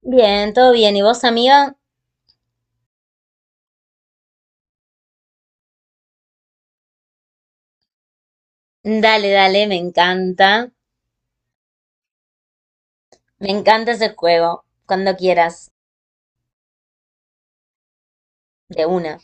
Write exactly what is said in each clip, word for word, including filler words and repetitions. Bien, todo bien. ¿Y vos, amiga? Dale, dale, me encanta. Me encanta ese juego. Cuando quieras, de una.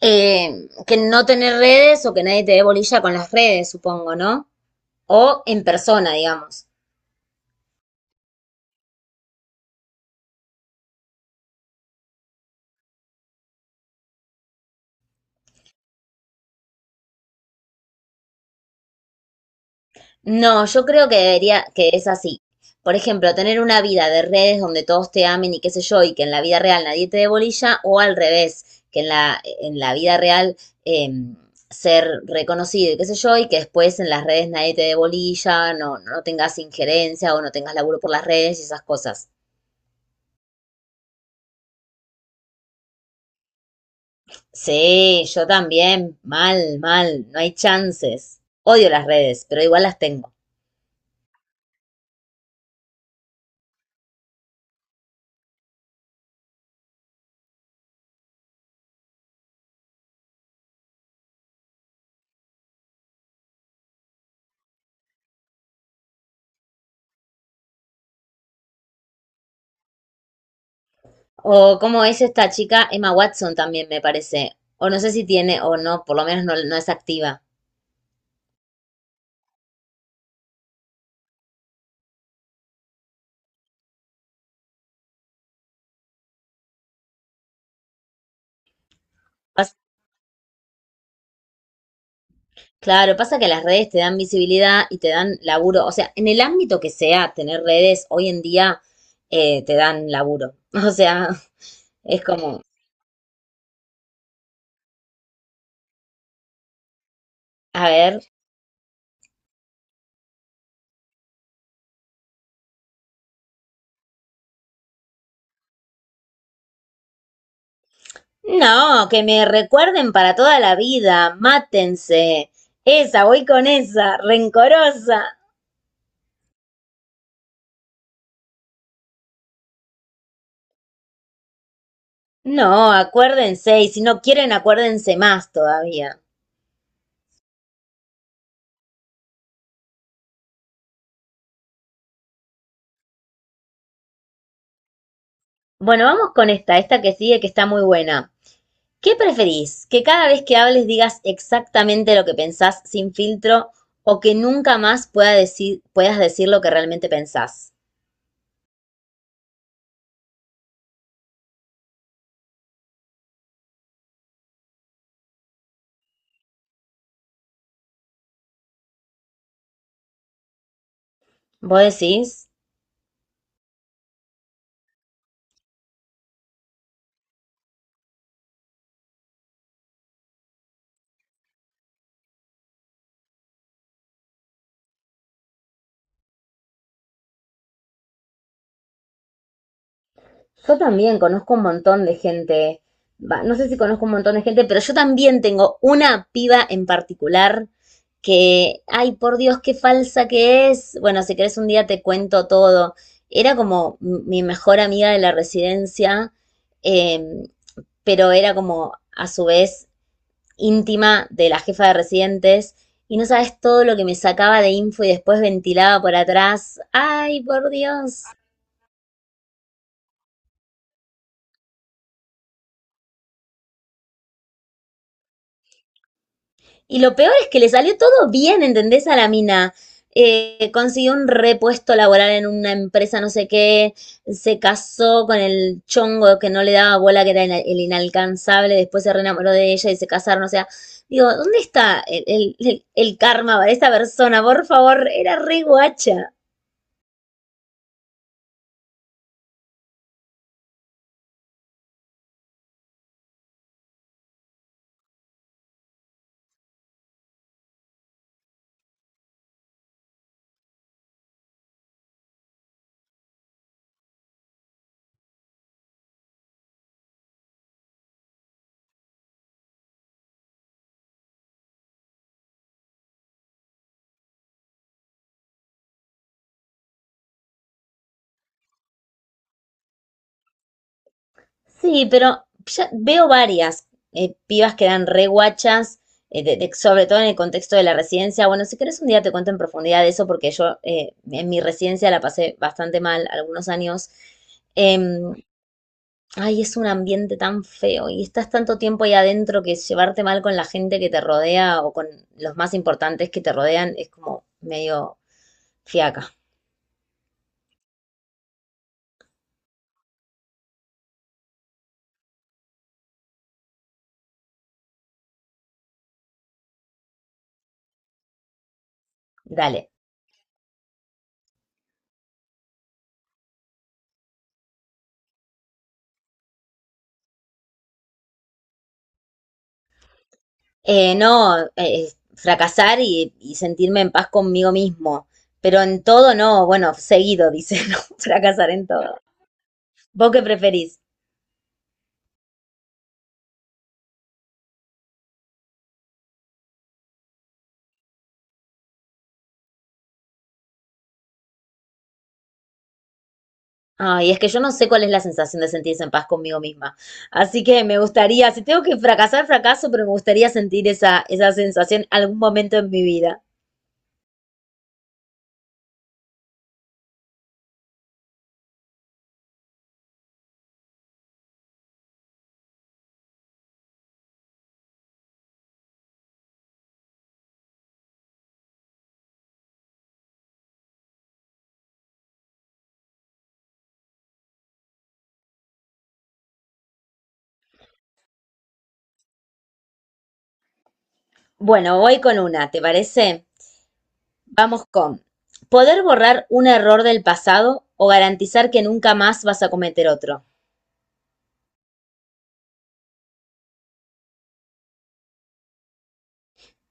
Eh, que no tener redes o que nadie te dé bolilla con las redes, supongo, ¿no? O en persona, digamos. No, yo creo que debería, que es así. Por ejemplo, tener una vida de redes donde todos te amen y qué sé yo, y que en la vida real nadie te dé bolilla, o al revés, que en la, en la vida real eh, ser reconocido y qué sé yo, y que después en las redes nadie te dé bolilla, no, no tengas injerencia o no tengas laburo por las redes y esas cosas. Sí, yo también, mal, mal, no hay chances. Odio las redes, pero igual las tengo. O cómo es esta chica, Emma Watson también me parece. O no sé si tiene o no, por lo menos no, no es activa. Pas- claro, pasa que las redes te dan visibilidad y te dan laburo. O sea, en el ámbito que sea, tener redes hoy en día eh, te dan laburo. O sea, es como, a ver. No, que me recuerden para toda la vida. Mátense. Esa, voy con esa, rencorosa. No, acuérdense. Y si no quieren, acuérdense más todavía. Bueno, vamos con esta, esta que sigue, que está muy buena. ¿Qué preferís? ¿Que cada vez que hables digas exactamente lo que pensás sin filtro o que nunca más pueda decir, puedas decir lo que realmente pensás? ¿Vos decís? Yo también conozco un montón de gente, va, no sé si conozco un montón de gente, pero yo también tengo una piba en particular que, ay, por Dios, qué falsa que es. Bueno, si querés un día te cuento todo. Era como mi mejor amiga de la residencia. eh, pero era como a su vez íntima de la jefa de residentes y no sabes todo lo que me sacaba de info y después ventilaba por atrás. Ay, por Dios. Y lo peor es que le salió todo bien, ¿entendés? A la mina. Eh, consiguió un repuesto laboral en una empresa, no sé qué, se casó con el chongo que no le daba bola, que era el, inalcanzable, después se reenamoró de ella y se casaron, o sea, digo, ¿dónde está el, el, el karma para esta persona? Por favor, era re guacha. Sí, pero ya veo varias eh, pibas que dan re guachas, eh, de- de- sobre todo en el contexto de la residencia. Bueno, si querés un día te cuento en profundidad de eso, porque yo eh, en mi residencia la pasé bastante mal algunos años. Em, Ay, es un ambiente tan feo y estás tanto tiempo ahí adentro que llevarte mal con la gente que te rodea o con los más importantes que te rodean es como medio fiaca. Dale. Eh, no, eh, fracasar y, y sentirme en paz conmigo mismo. Pero en todo no, bueno, seguido, dice, no, fracasar en todo. ¿Vos qué preferís? Ay, es que yo no sé cuál es la sensación de sentirse en paz conmigo misma. Así que me gustaría, si tengo que fracasar, fracaso, pero me gustaría sentir esa, esa sensación algún momento en mi vida. Bueno, voy con una, ¿te parece? Vamos con poder borrar un error del pasado o garantizar que nunca más vas a cometer otro.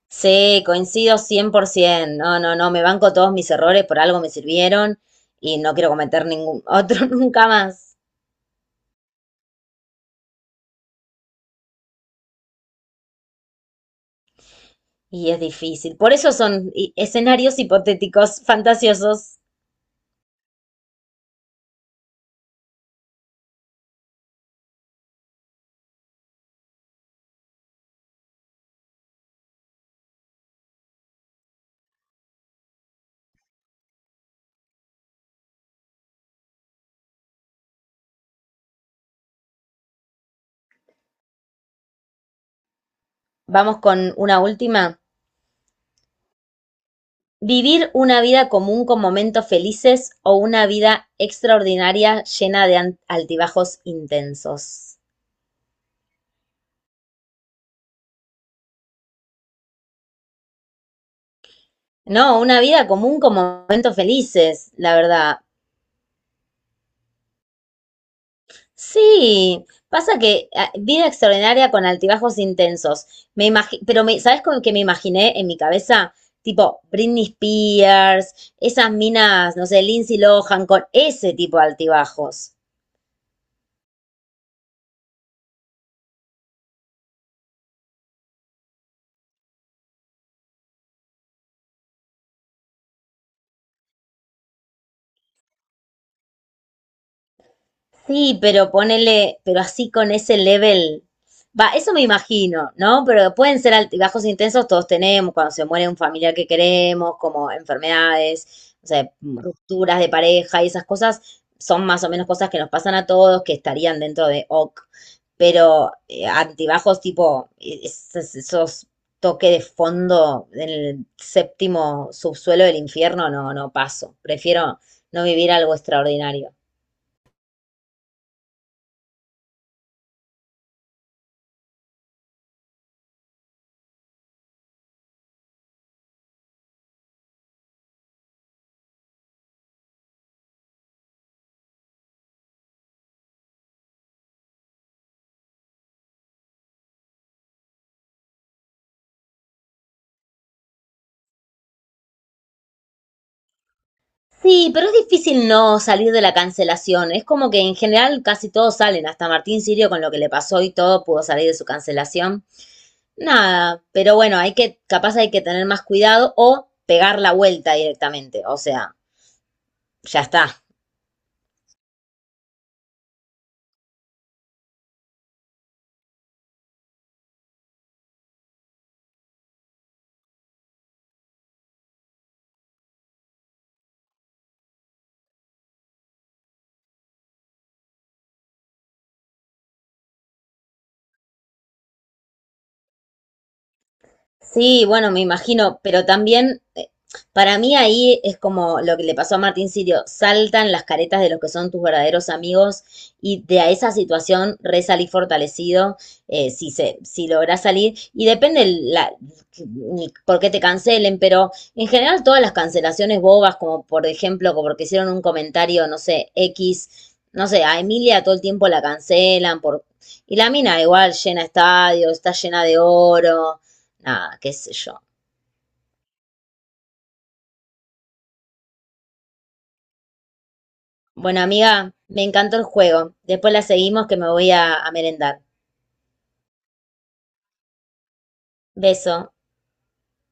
Sí, coincido cien por ciento. No, no, no, me banco todos mis errores, por algo me sirvieron y no quiero cometer ningún otro nunca más. Y es difícil. Por eso son i- escenarios hipotéticos, fantasiosos. Vamos con una última. ¿Vivir una vida común con momentos felices o una vida extraordinaria llena de an- altibajos intensos? No, una vida común con momentos felices, la verdad. Sí, pasa que ah, vida extraordinaria con altibajos intensos. Me imagi- pero me, ¿sabes con qué me imaginé en mi cabeza? Tipo Britney Spears, esas minas, no sé, Lindsay Lohan, con ese tipo de altibajos. Sí, pero ponele, pero así con ese level. Va, eso me imagino, ¿no? Pero pueden ser altibajos intensos, todos tenemos, cuando se muere un familiar que queremos, como enfermedades, o sea, rupturas de pareja y esas cosas, son más o menos cosas que nos pasan a todos, que estarían dentro de OK. Pero eh, altibajos tipo es- es- esos toques de fondo en el séptimo subsuelo del infierno, no, no paso. Prefiero no vivir algo extraordinario. Sí, pero es difícil no salir de la cancelación. Es como que en general casi todos salen, hasta Martín Sirio con lo que le pasó y todo pudo salir de su cancelación. Nada, pero bueno, hay que, capaz hay que tener más cuidado o pegar la vuelta directamente. O sea, ya está. Sí, bueno, me imagino, pero también eh, para mí ahí es como lo que le pasó a Martín Sirio, saltan las caretas de los que son tus verdaderos amigos y de a esa situación resalí fortalecido, eh, si se, si lográs salir, y depende el- la, el por qué te cancelen, pero en general todas las cancelaciones bobas, como por ejemplo, como porque hicieron un comentario, no sé, X, no sé, a Emilia todo el tiempo la cancelan por... Y la mina igual llena estadios, está llena de oro. Nada, qué sé yo. Bueno, amiga, me encantó el juego. Después la seguimos que me voy a, a merendar. Beso.